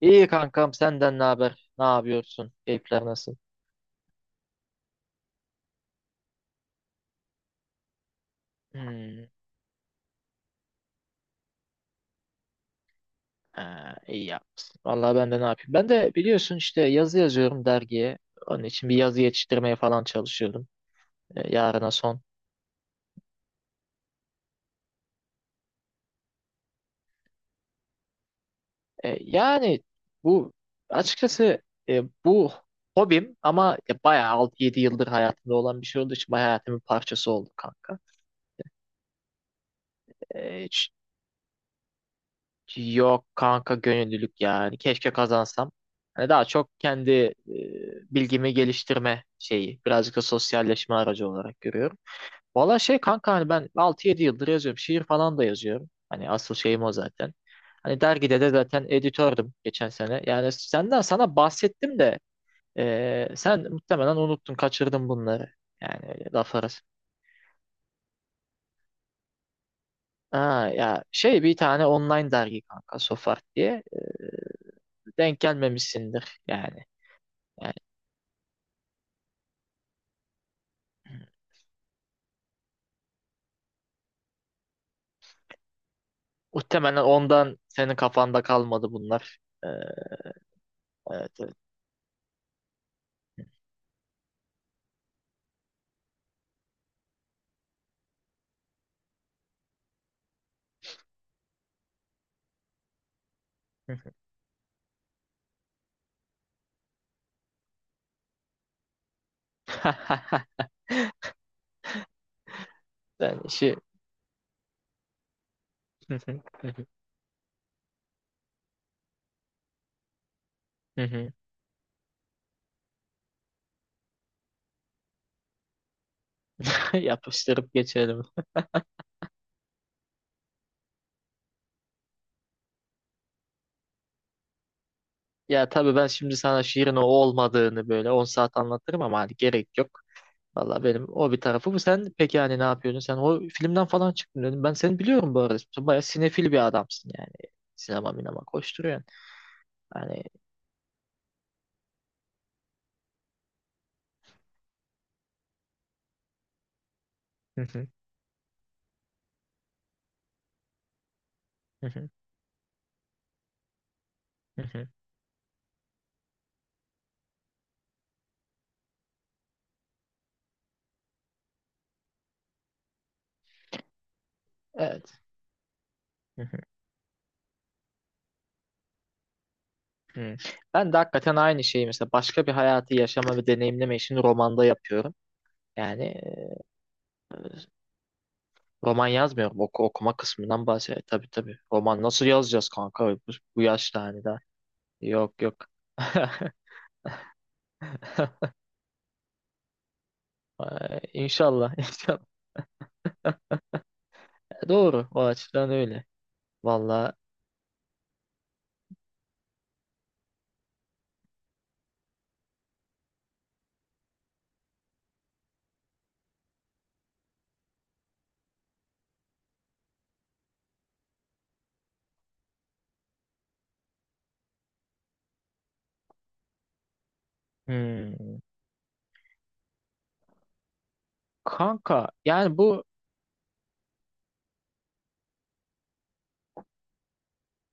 İyi kankam senden ne haber? Ne yapıyorsun? Keyifler nasıl? Hmm, ha, iyi yapmışsın. Vallahi ben de ne yapayım? Ben de biliyorsun işte yazı yazıyorum dergiye. Onun için bir yazı yetiştirmeye falan çalışıyordum. Yarına son. Yani bu açıkçası bu hobim ama ya bayağı 6-7 yıldır hayatımda olan bir şey olduğu için bayağı hayatımın parçası oldu kanka. E, Yok kanka gönüllülük yani. Keşke kazansam. Hani daha çok kendi bilgimi geliştirme şeyi. Birazcık da sosyalleşme aracı olarak görüyorum. Valla şey kanka hani ben 6-7 yıldır yazıyorum. Şiir falan da yazıyorum. Hani asıl şeyim o zaten. Hani dergide de zaten editördüm geçen sene. Yani senden sana bahsettim de sen muhtemelen unuttun, kaçırdın bunları. Yani öyle laf arası. Ha, ya şey bir tane online dergi kanka Sofart diye. Denk gelmemişsindir yani. Yani muhtemelen ondan senin kafanda kalmadı bunlar. Ee, evet, evet. Ben işi yapıştırıp geçelim. Ya tabii ben şimdi sana şiirin o olmadığını böyle 10 saat anlatırım ama hani gerek yok. Valla benim o bir tarafı bu. Sen peki hani ne yapıyordun? Sen o filmden falan çıktın dedim. Ben seni biliyorum bu arada. Sen bayağı sinefil bir adamsın yani. Sinema minema koşturuyorsun. Hani evet. Hı. Ben de hakikaten aynı şeyi mesela başka bir hayatı yaşama ve deneyimleme işini romanda yapıyorum. Yani roman yazmıyorum. Okuma kısmından bahsediyorum. Tabii tabii. Roman nasıl yazacağız kanka? Bu yaşta hani daha. Yok yok. Ay, İnşallah. inşallah. Doğru. O açıdan öyle. Valla. Hmm. Kanka yani bu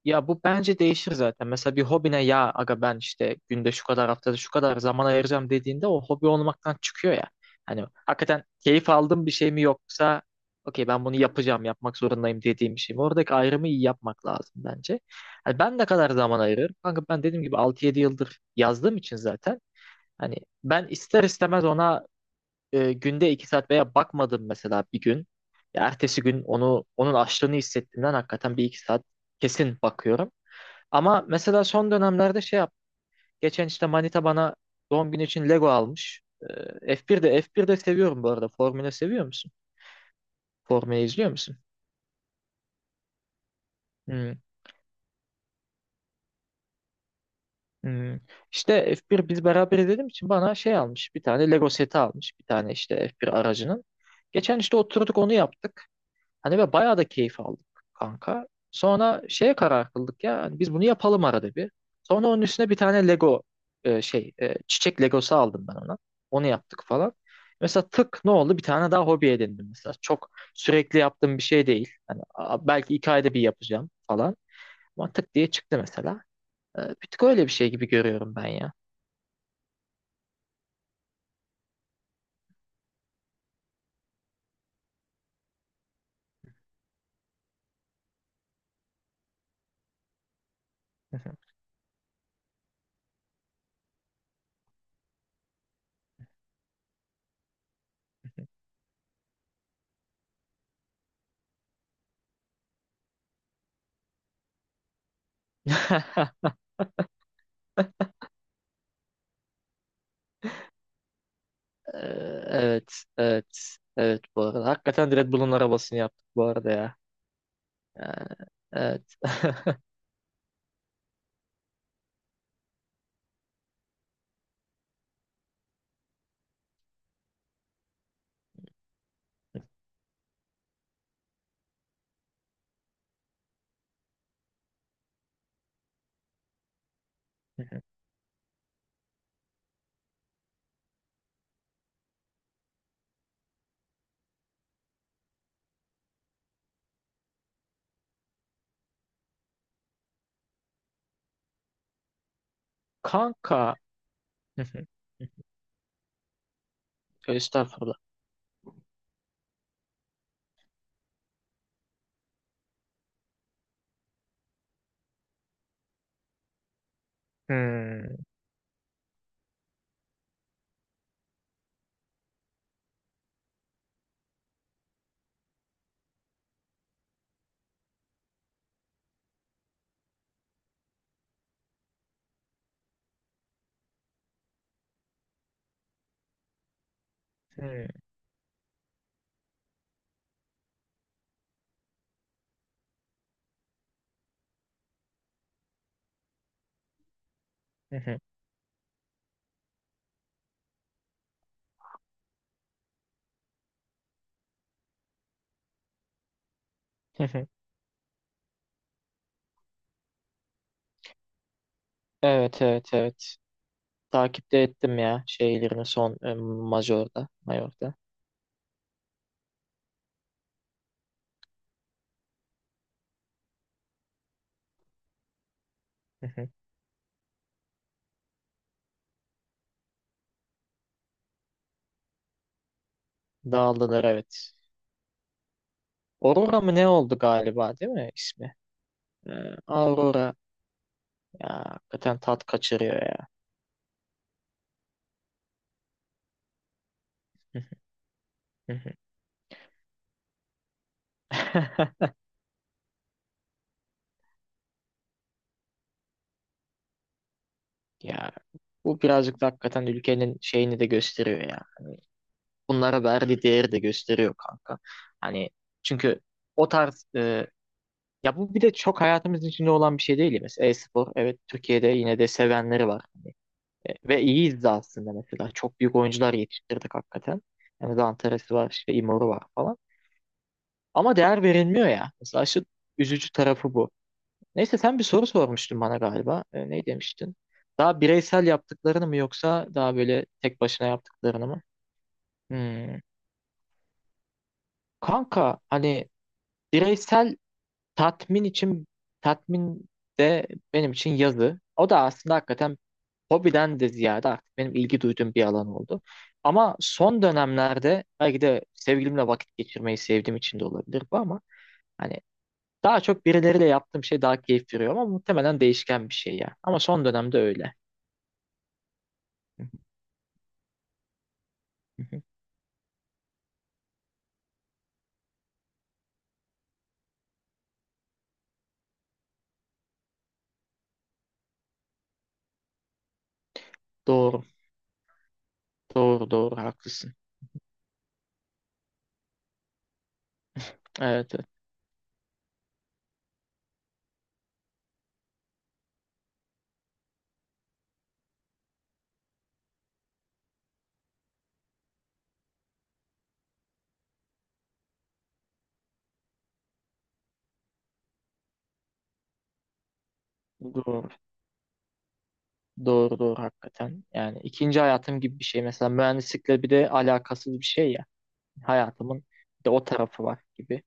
Ya bu bence değişir zaten. Mesela bir hobine ya aga ben işte günde şu kadar haftada şu kadar zaman ayıracağım dediğinde o hobi olmaktan çıkıyor ya. Hani hakikaten keyif aldığım bir şey mi yoksa okey ben bunu yapacağım yapmak zorundayım dediğim bir şey mi? Oradaki ayrımı iyi yapmak lazım bence. Hani ben ne kadar zaman ayırırım? Kanka ben dediğim gibi 6-7 yıldır yazdığım için zaten hani ben ister istemez ona günde 2 saat veya bakmadım mesela bir gün. Ya ertesi gün onu onun açlığını hissettiğimden hakikaten 1-2 saat kesin bakıyorum. Ama mesela son dönemlerde şey yap. Geçen işte Manita bana doğum günü için Lego almış. F1'de seviyorum bu arada. Formula seviyor musun? Formula izliyor musun? Hmm, hmm. İşte F1 biz beraber izlediğim için bana şey almış. Bir tane Lego seti almış. Bir tane işte F1 aracının. Geçen işte oturduk onu yaptık. Hani ve bayağı da keyif aldık kanka. Sonra şeye karar kıldık ya hani biz bunu yapalım arada bir. Sonra onun üstüne bir tane Lego şey çiçek Legosu aldım ben ona. Onu yaptık falan. Mesela tık ne oldu? Bir tane daha hobi edindim mesela. Çok sürekli yaptığım bir şey değil. Hani belki 2 ayda bir yapacağım falan. Ama tık diye çıktı mesela. Bir tık öyle bir şey gibi görüyorum ben ya. Ee, evet, evet, evet bu arada. Hakikaten Red Bull'un arabasını yaptık bu arada ya. Ee, evet. Kanka. Estağfurullah. Hmm, hmm, Evet, evet, evet. Takipte ettim ya şeylerini son Major'da. Dağıldılar evet. Aurora mı ne oldu galiba değil mi ismi? Ee, Aurora ya hakikaten tat kaçırıyor ya. Hı hı. Ya bu birazcık da hakikaten ülkenin şeyini de gösteriyor ya. Hani bunlara verdiği değeri de gösteriyor kanka. Hani çünkü o tarz ya bu bir de çok hayatımızın içinde olan bir şey değil ya. Mesela e-spor evet Türkiye'de yine de sevenleri var. Hani, ve iyiyiz de aslında mesela. Çok büyük oyuncular yetiştirdik hakikaten. Yani Zantaresi var işte Imoru var falan. Ama değer verilmiyor ya. Mesela şu üzücü tarafı bu. Neyse sen bir soru sormuştun bana galiba. Ne demiştin? Daha bireysel yaptıklarını mı yoksa daha böyle tek başına yaptıklarını mı? Hmm. Kanka hani bireysel tatmin için tatmin de benim için yazı. O da aslında hakikaten hobiden de ziyade artık benim ilgi duyduğum bir alan oldu. Ama son dönemlerde belki de sevgilimle vakit geçirmeyi sevdiğim için de olabilir bu ama hani daha çok birileriyle yaptığım şey daha keyif veriyor ama muhtemelen değişken bir şey ya. Ama son dönemde öyle. Hı hı. Doğru. Doğru doğru haklısın. Evet, evet. Doğru. Doğru doğru hakikaten. Yani ikinci hayatım gibi bir şey. Mesela mühendislikle bir de alakasız bir şey ya. Hayatımın bir de o tarafı var gibi.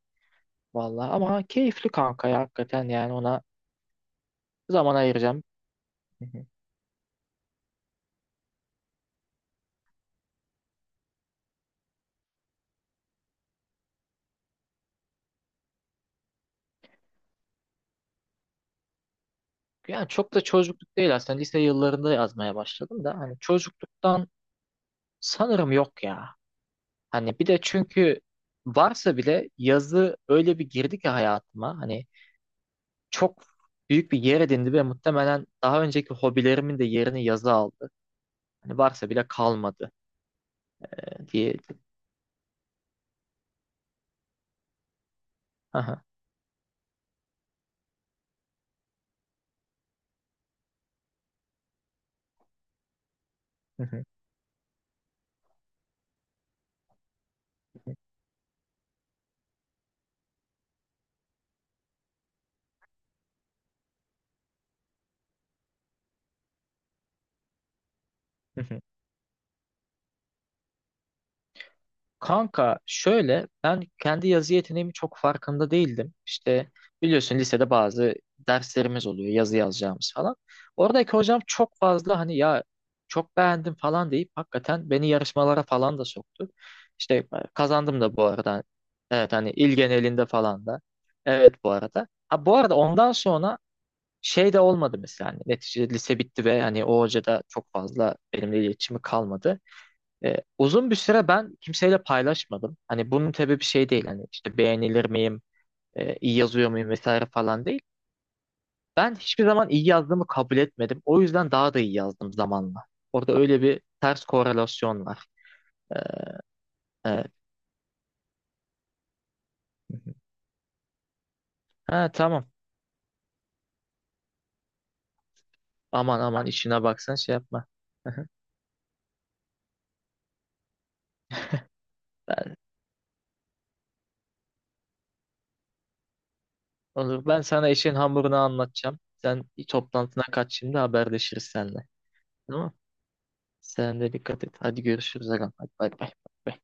Vallahi ama keyifli kanka ya hakikaten yani ona zaman ayıracağım. Hı hı. Yani çok da çocukluk değil aslında. Lise yıllarında yazmaya başladım da hani çocukluktan sanırım yok ya. Hani bir de çünkü varsa bile yazı öyle bir girdi ki hayatıma. Hani çok büyük bir yer edindi ve muhtemelen daha önceki hobilerimin de yerini yazı aldı. Hani varsa bile kalmadı diye. Aha. Kanka şöyle ben kendi yazı yeteneğimi çok farkında değildim. İşte biliyorsun lisede bazı derslerimiz oluyor yazı yazacağımız falan. Oradaki hocam çok fazla hani ya çok beğendim falan deyip hakikaten beni yarışmalara falan da soktu. İşte kazandım da bu arada. Evet hani il genelinde falan da. Evet bu arada. Ha bu arada ondan sonra şey de olmadı mesela. Hani neticede lise bitti ve hani o hoca da çok fazla benimle iletişimi kalmadı. Uzun bir süre ben kimseyle paylaşmadım. Hani bunun sebebi şey değil. Hani işte beğenilir miyim, iyi yazıyor muyum vesaire falan değil. Ben hiçbir zaman iyi yazdığımı kabul etmedim. O yüzden daha da iyi yazdım zamanla. Orada öyle bir ters korelasyon var. Ee, Evet. Ha tamam. Aman aman işine baksan şey yapma. Ben, olur. Ben sana işin hamurunu anlatacağım. Sen bir toplantına kaç şimdi haberleşiriz seninle. Tamam. Sen de dikkat et. Hadi görüşürüz. Agam. Hadi bay bay. Bay bay.